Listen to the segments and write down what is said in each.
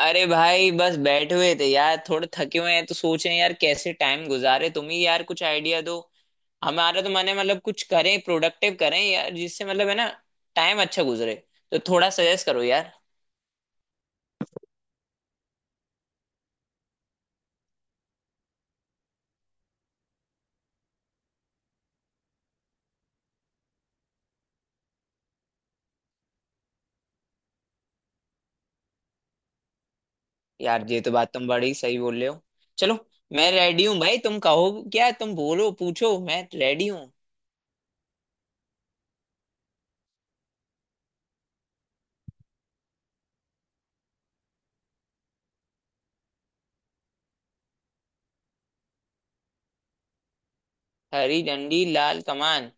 अरे भाई बस बैठे हुए थे यार, थोड़े थके हुए हैं तो सोचे यार कैसे टाइम गुजारे। तुम ही यार कुछ आइडिया दो। हमारा तो मन है मतलब कुछ करें, प्रोडक्टिव करें यार, जिससे मतलब है ना टाइम अच्छा गुजरे। तो थोड़ा सजेस्ट करो यार। यार ये तो बात तुम बड़ी सही बोल रहे हो। चलो, मैं रेडी हूँ भाई। तुम कहो, क्या तुम बोलो, पूछो, मैं रेडी हूँ। हरी डंडी लाल कमान।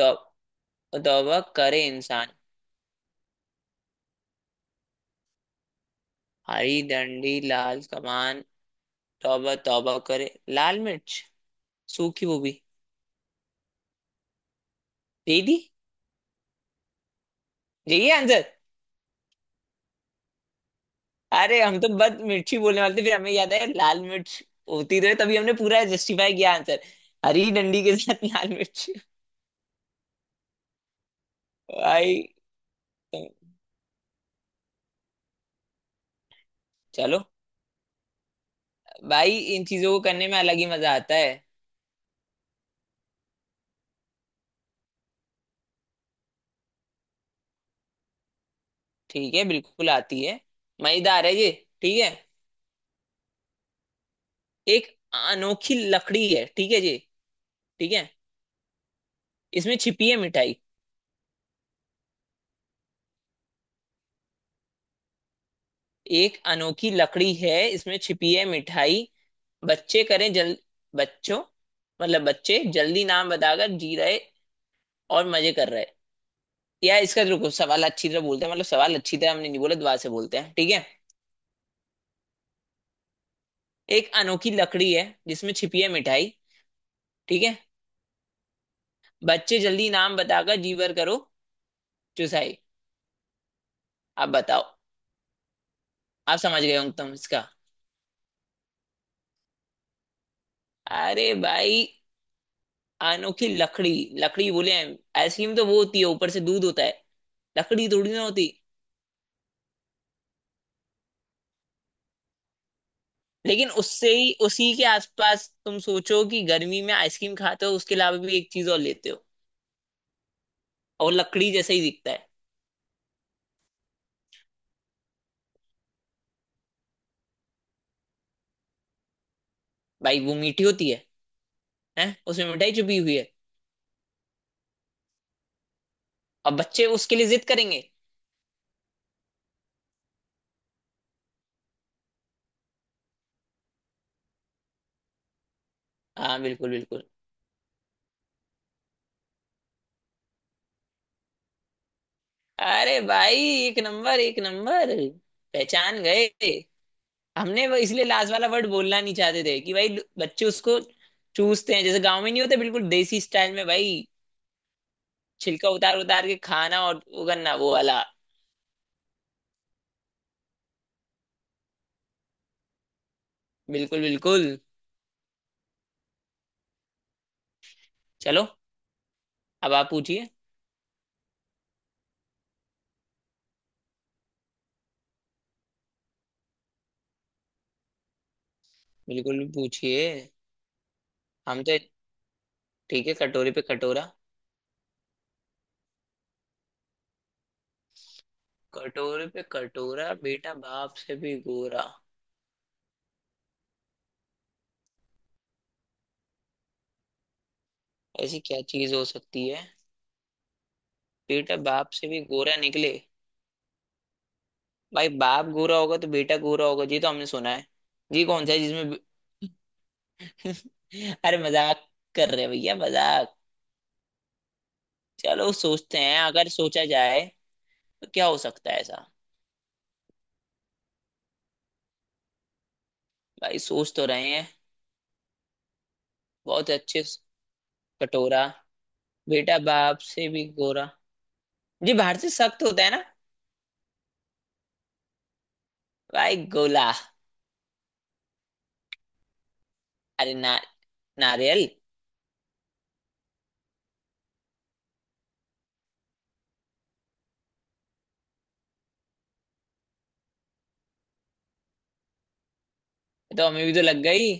तो तौबा करे इंसान। हरी डंडी लाल कमान, तौबा तौबा करे, लाल मिर्च, सूखी वो भी। दे दी यही आंसर। अरे हम तो बस मिर्ची बोलने वाले थे, फिर हमें याद है लाल मिर्च होती रहे, तभी हमने पूरा जस्टिफाई किया आंसर। हरी डंडी के साथ लाल मिर्च। भाई। चलो। भाई इन चीजों को करने में अलग ही मजा आता है। ठीक है, बिल्कुल आती है। मजेदार है ये। ठीक है। एक अनोखी लकड़ी है, ठीक है जी। ठीक है। इसमें छिपी है मिठाई। एक अनोखी लकड़ी है, इसमें छिपी है मिठाई। बच्चे करें जल, बच्चों, मतलब बच्चे जल्दी नाम बताकर जी रहे और मजे कर रहे हैं। यार इसका रुको, सवाल अच्छी तरह बोलते हैं, मतलब सवाल अच्छी तरह हमने नहीं बोला, दुआ से बोलते हैं। ठीक है। एक अनोखी लकड़ी है जिसमें छिपी है मिठाई, ठीक है। बच्चे जल्दी नाम बताकर जीवर करो चुसाई। आप बताओ। आप समझ गए होंगे तुम इसका। अरे भाई, अनोखी लकड़ी, लकड़ी बोले हैं। आइसक्रीम तो वो होती है, ऊपर से दूध होता है, लकड़ी थोड़ी ना होती। लेकिन उससे ही, उसी के आसपास तुम सोचो कि गर्मी में आइसक्रीम खाते हो, उसके अलावा भी एक चीज और लेते हो, और लकड़ी जैसे ही दिखता है। भाई वो मीठी होती है उसमें मिठाई छुपी हुई है, और बच्चे उसके लिए जिद करेंगे। हाँ बिल्कुल बिल्कुल। अरे भाई, एक नंबर एक नंबर। पहचान गए। हमने वो इसलिए लास्ट वाला वर्ड बोलना नहीं चाहते थे कि भाई बच्चे उसको चूसते हैं, जैसे गांव में नहीं होते, बिल्कुल देसी स्टाइल में भाई, छिलका उतार उतार के खाना और वो करना वो वाला। बिल्कुल बिल्कुल। चलो, अब आप पूछिए। बिल्कुल पूछिए। हम तो, ठीक है, कटोरे पे कटोरा। कटोरे पे कटोरा बेटा बाप से भी गोरा। ऐसी क्या चीज हो सकती है, बेटा बाप से भी गोरा निकले। भाई बाप गोरा होगा तो बेटा गोरा होगा जी, तो हमने सुना है। जी कौन सा है जिसमें अरे मजाक कर रहे हैं भैया, मजाक। चलो सोचते हैं, अगर सोचा जाए तो क्या हो सकता है ऐसा। भाई सोच तो रहे हैं। बहुत अच्छे स- कटोरा, बेटा बाप से भी गोरा। जी बाहर से सख्त होता है ना। भाई गोला। अरे ना, नारियल ये। तो हमें भी तो लग गई।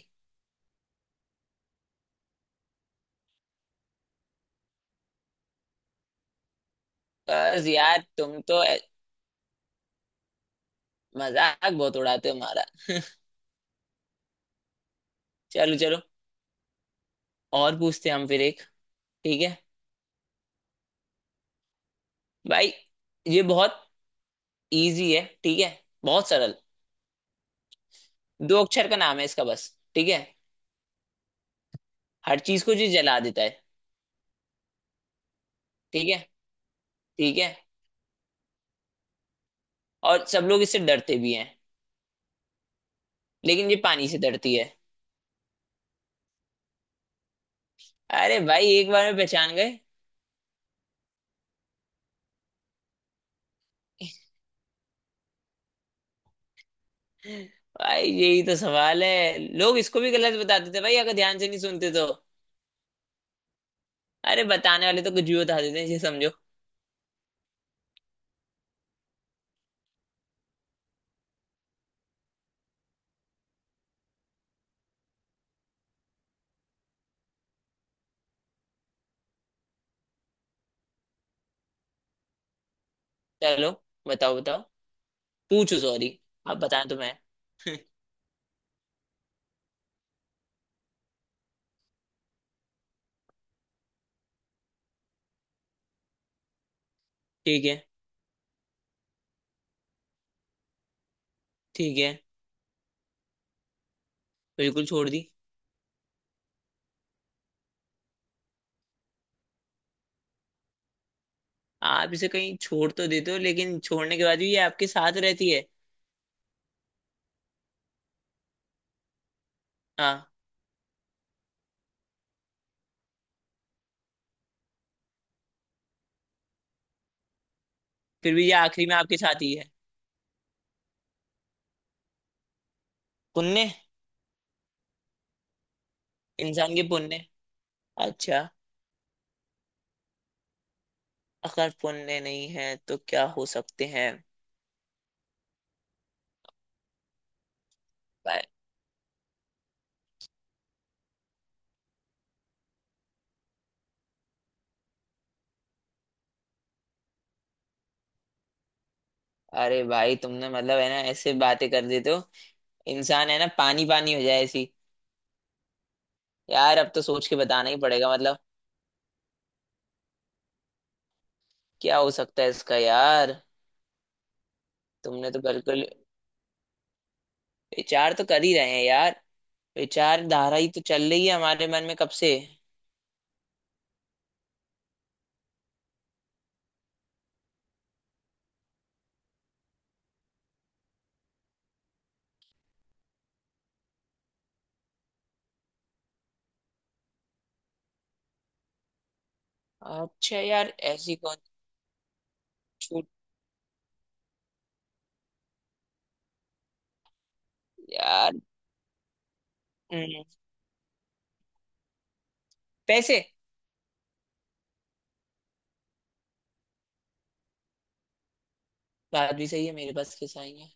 बस यार तुम तो ए- मजाक बहुत उड़ाते हो हमारा। चलो चलो, और पूछते हैं हम फिर एक। ठीक है भाई, ये बहुत इजी है, ठीक है, बहुत सरल। दो अक्षर का नाम है इसका बस, ठीक है। हर चीज को ये जला देता है, ठीक है, ठीक है। और सब लोग इससे डरते भी हैं, लेकिन ये पानी से डरती है। अरे भाई एक बार में पहचान गए। भाई यही तो सवाल है, लोग इसको भी गलत बता देते हैं भाई, अगर ध्यान से नहीं सुनते तो। अरे बताने वाले तो कुछ भी बता देते हैं ये समझो। चलो। बताओ बताओ। पूछो सॉरी, आप बताएं तो मैं। ठीक है, ठीक है, बिल्कुल छोड़ दी। आप इसे कहीं छोड़ तो देते हो, लेकिन छोड़ने के बाद भी ये आपके साथ रहती है। हाँ, फिर भी ये आखिरी में आपके साथ ही है। पुण्य। इंसान के पुण्य। अच्छा। अगर पुण्य नहीं है तो क्या हो सकते हैं। भाई- अरे भाई तुमने मतलब है ना, ऐसे बातें कर देते हो, इंसान है ना पानी पानी हो जाए ऐसी। यार अब तो सोच के बताना ही पड़ेगा, मतलब क्या हो सकता है इसका यार। तुमने तो बिल्कुल, विचार तो कर ही रहे हैं यार, विचारधारा ही तो चल रही है हमारे मन में कब से। अच्छा यार ऐसी कौन छूट। यार हम्म, पैसे। बात भी सही है, मेरे पास किस आएंगे।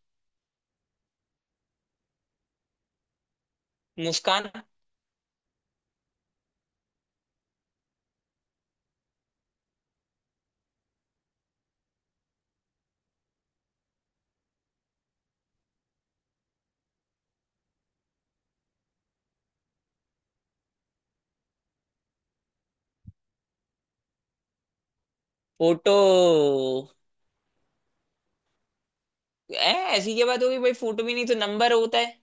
मुस्कान। फोटो। ऐ ऐसी क्या बात होगी भाई, फोटो भी नहीं तो नंबर होता है।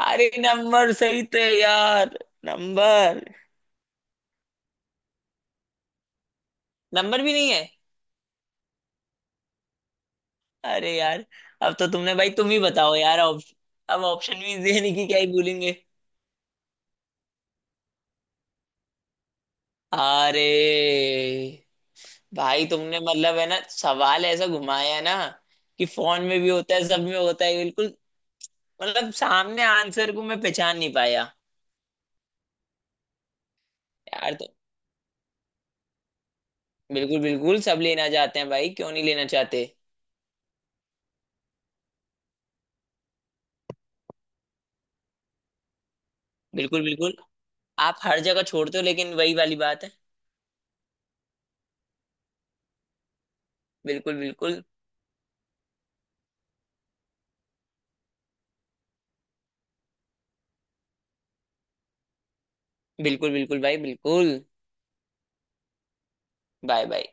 अरे नंबर सही थे यार। नंबर। नंबर भी नहीं है। अरे यार, अब तो तुमने, भाई तुम ही बताओ यार अब ऑप्शन भी देने की क्या ही बोलेंगे। अरे भाई तुमने मतलब है ना, सवाल ऐसा घुमाया है ना कि फोन में भी होता है, सब में होता है बिल्कुल। मतलब सामने आंसर को मैं पहचान नहीं पाया। यार तो बिल्कुल बिल्कुल, सब लेना चाहते हैं भाई, क्यों नहीं लेना चाहते। बिल्कुल बिल्कुल। आप हर जगह छोड़ते हो, लेकिन वही वाली बात है। बिल्कुल बिल्कुल। बिल्कुल बिल्कुल भाई, बिल्कुल। Bye bye.